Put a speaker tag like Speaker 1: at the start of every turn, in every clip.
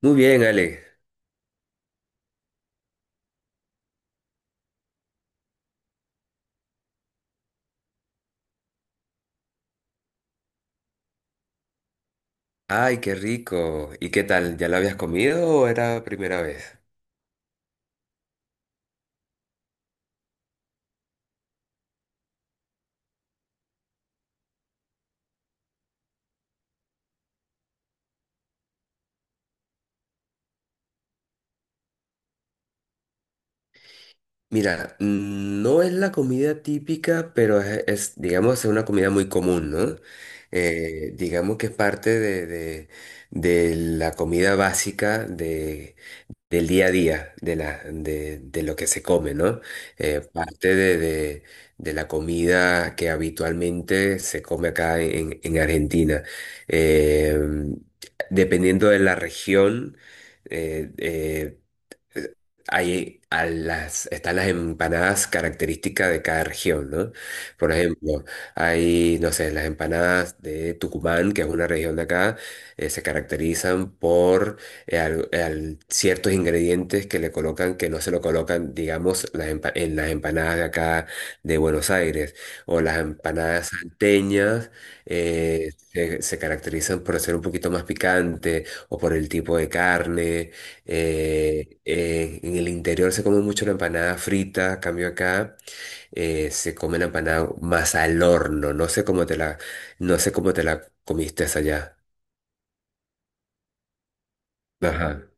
Speaker 1: Muy bien, Ale. Ay, qué rico. ¿Y qué tal? ¿Ya lo habías comido o era primera vez? Mira, no es la comida típica, pero digamos, es una comida muy común, ¿no? Digamos que es parte de la comida básica de, del día a día, de lo que se come, ¿no? Parte de la comida que habitualmente se come acá en Argentina. Eh, dependiendo de la región, eh, eh, hay a las, están las empanadas características de cada región, ¿no? Por ejemplo, hay, no sé, las empanadas de Tucumán, que es una región de acá, se caracterizan por ciertos ingredientes que le colocan, que no se lo colocan, digamos, en las empanadas de acá de Buenos Aires. O las empanadas salteñas se caracterizan por ser un poquito más picante o por el tipo de carne. En el interior se come mucho la empanada frita, a cambio acá se come la empanada más al horno. No sé cómo te la, no sé cómo te la comiste esa allá. Ajá.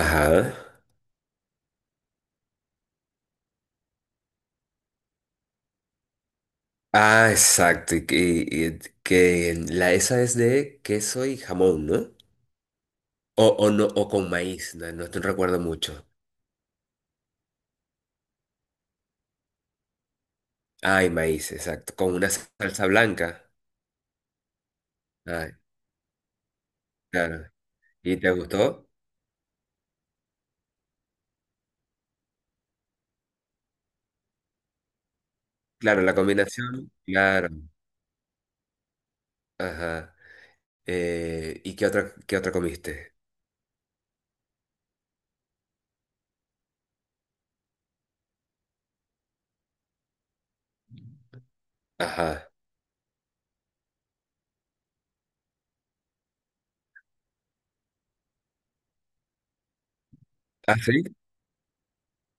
Speaker 1: Ajá. Ah, exacto. Y que la esa es de queso y jamón, ¿no? O no, o con maíz, no, no te recuerdo mucho. Ay, maíz, exacto. Con una salsa blanca. Ay, claro. ¿Y te gustó? Claro, la combinación. Claro. Ajá. ¿Y qué otra comiste? Ajá. ¿Ah, sí?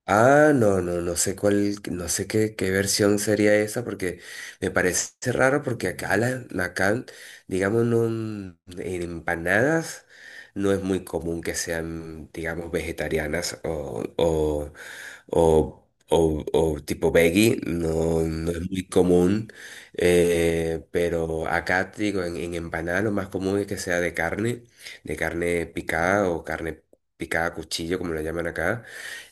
Speaker 1: Ah, no, no, no sé cuál, no sé qué, qué versión sería esa, porque me parece raro porque acá, digamos, no, en empanadas no es muy común que sean, digamos, vegetarianas o, o tipo veggie, no, no es muy común. Pero acá te digo, en empanada lo más común es que sea de carne picada o carne picada a cuchillo, como la llaman acá.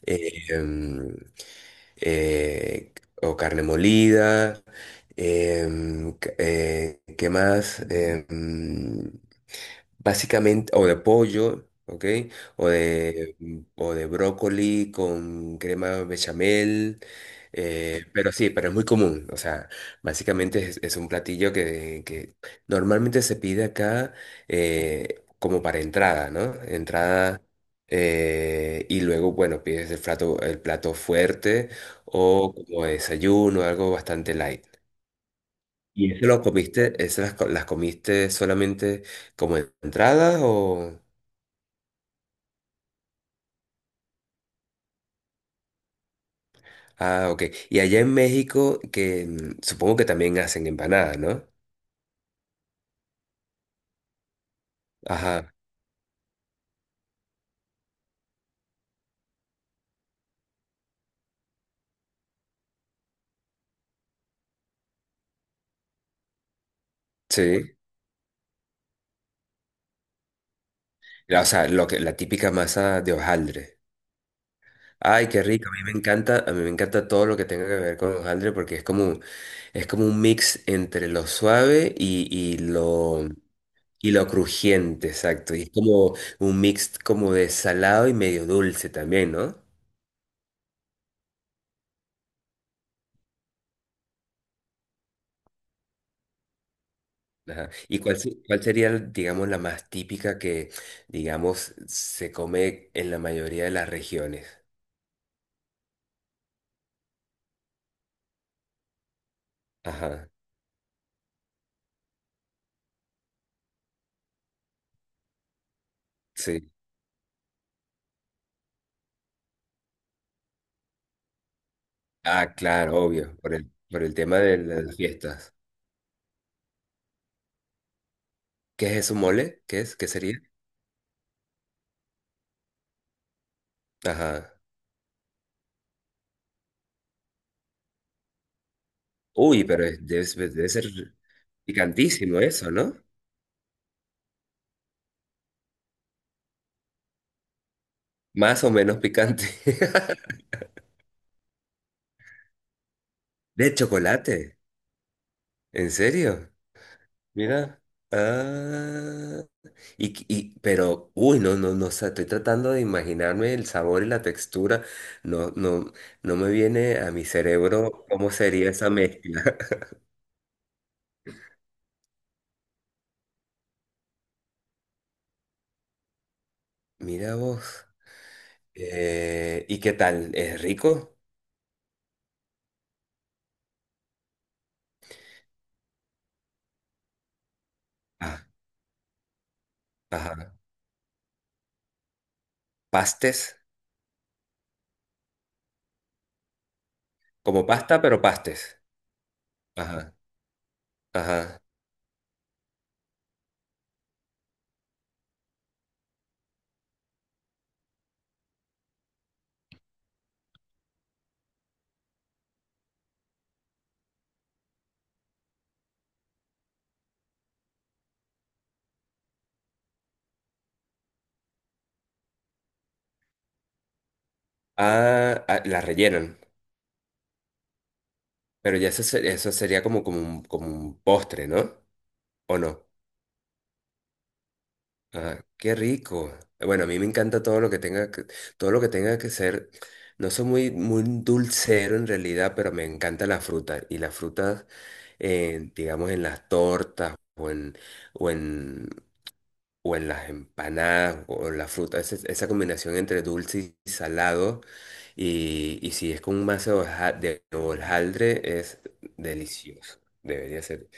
Speaker 1: eh, em, eh, o carne molida. ¿Qué más? Básicamente, o de pollo, ¿ok? O de brócoli con crema bechamel. Pero sí, pero es muy común. O sea, básicamente es un platillo que normalmente se pide acá como para entrada, ¿no? Entrada. Y luego, bueno, pides el plato fuerte o como desayuno, algo bastante light. ¿Y eso lo comiste, esas las, co- Las comiste solamente como entrada o...? Ah, ok. Y allá en México, que supongo que también hacen empanada, ¿no? Ajá, sí. O sea, lo que, la típica masa de hojaldre. Ay, qué rico. A mí me encanta, a mí me encanta todo lo que tenga que ver con hojaldre porque es como un mix entre lo suave y lo, y lo crujiente, exacto. Y es como un mix como de salado y medio dulce también, ¿no? Ajá. ¿ Cuál sería, digamos, la más típica que, digamos, se come en la mayoría de las regiones? Ajá, sí. Ah, claro, obvio, por el tema de las fiestas. ¿Qué es eso, mole? ¿Qué es? ¿Qué sería? Ajá. Uy, pero debe ser picantísimo eso, ¿no? Más o menos picante. De chocolate, ¿en serio? Mira. Ah. Pero, uy, no, no, no, o sea, estoy tratando de imaginarme el sabor y la textura. No, no, no me viene a mi cerebro cómo sería esa mezcla. Mira vos. ¿Y qué tal? ¿Es rico? Ah, ajá. Pastes. Como pasta, pero pastes. Ajá, ajá. Ah, ah, la rellenan. Pero eso sería como, como un postre, ¿no? ¿O no? Ah, qué rico. Bueno, a mí me encanta todo lo que tenga que, todo lo que tenga que ser. No soy muy, muy dulcero en realidad, pero me encanta la fruta. Y las frutas, digamos, en las tortas o en, o en las empanadas o en la fruta, esa combinación entre dulce y salado. Y si es con un mazo de de hojaldre, es delicioso. Debería ser.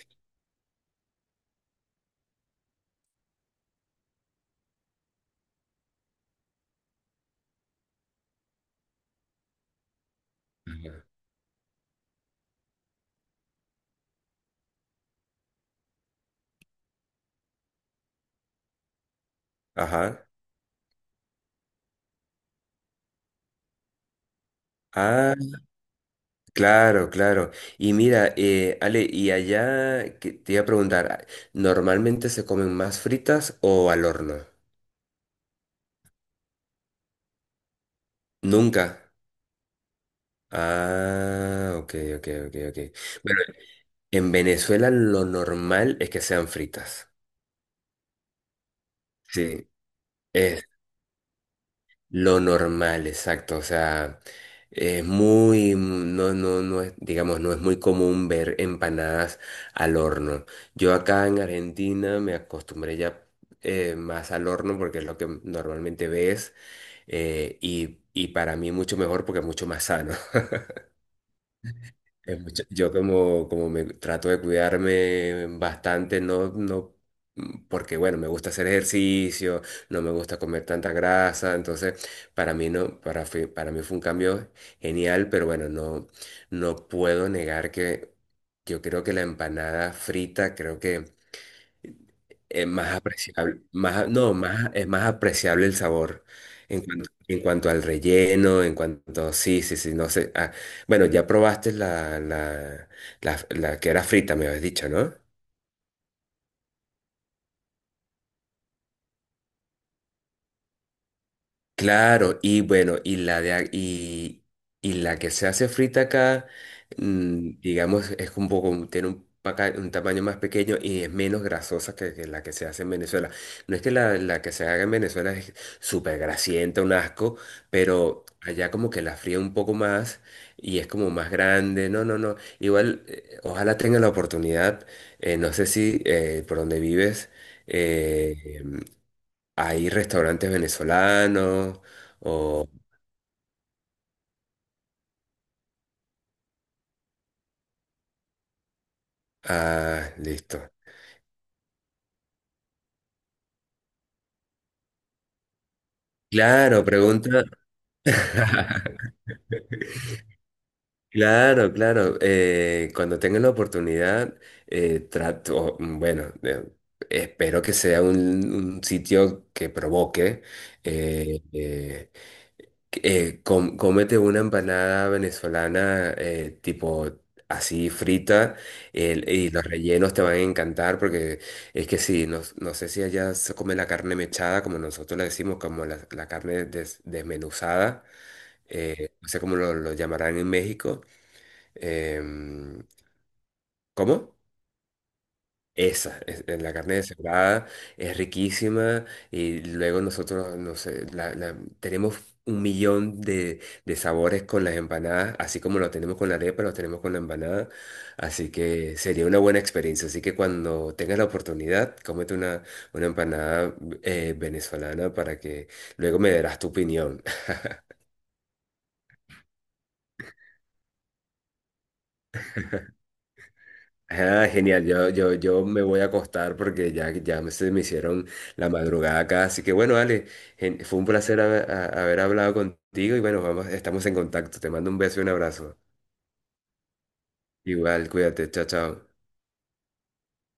Speaker 1: Ujú. Ajá. Ah, claro, claro. Y mira, Ale, y allá que te iba a preguntar, ah, ¿normalmente se comen más fritas o al horno? Nunca. Ah, ok, ok, ok, ok. Bueno, en Venezuela lo normal es que sean fritas. Sí. Lo normal, exacto. O sea, es muy, no, no, no es, digamos, no es muy común ver empanadas al horno. Yo acá en Argentina me acostumbré ya más al horno porque es lo que normalmente ves. Y para mí mucho mejor porque es mucho más sano. Yo como, como me trato de cuidarme bastante, no, no, porque bueno, me gusta hacer ejercicio, no me gusta comer tanta grasa, entonces para mí no, para mí fue un cambio genial, pero bueno, no, no puedo negar que yo creo que la empanada frita, creo que es más apreciable, más, no, más, es más apreciable el sabor en cuanto al relleno, en cuanto, sí, sí, sí, no sé. Bueno, ya probaste la que era frita, me habías dicho, ¿no? Claro, y bueno, y la de, a- y la que se hace frita acá, digamos, es un poco, tiene un tamaño más pequeño y es menos grasosa que la que se hace en Venezuela. No es que la que se haga en Venezuela es súper grasienta, un asco, pero allá como que la fría un poco más y es como más grande. No, no, no. Igual, ojalá tenga la oportunidad, no sé si por donde vives eh, hay restaurantes venezolanos o... Ah, listo. Claro, pregunta. Claro, claro. Cuando tenga la oportunidad, bueno, espero que sea un sitio que provoque eh, eh, cómete una empanada venezolana tipo así frita y los rellenos te van a encantar porque es que sí, no, no sé si allá se come la carne mechada, como nosotros le decimos, como la carne desmenuzada. No sé cómo lo llamarán en México. em, ¿Cómo? Esa, es la carne de cebada, es riquísima. Y luego nosotros, no sé, tenemos un millón de sabores con las empanadas, así como lo tenemos con la arepa, lo tenemos con la empanada, así que sería una buena experiencia. Así que cuando tengas la oportunidad, cómete una empanada venezolana, para que luego me darás tu opinión. Ah, genial, yo me voy a acostar porque ya, se me hicieron la madrugada acá. Así que bueno, Ale, fue un placer haber hablado contigo y bueno, vamos, estamos en contacto. Te mando un beso y un abrazo. Igual, cuídate, chao, chao.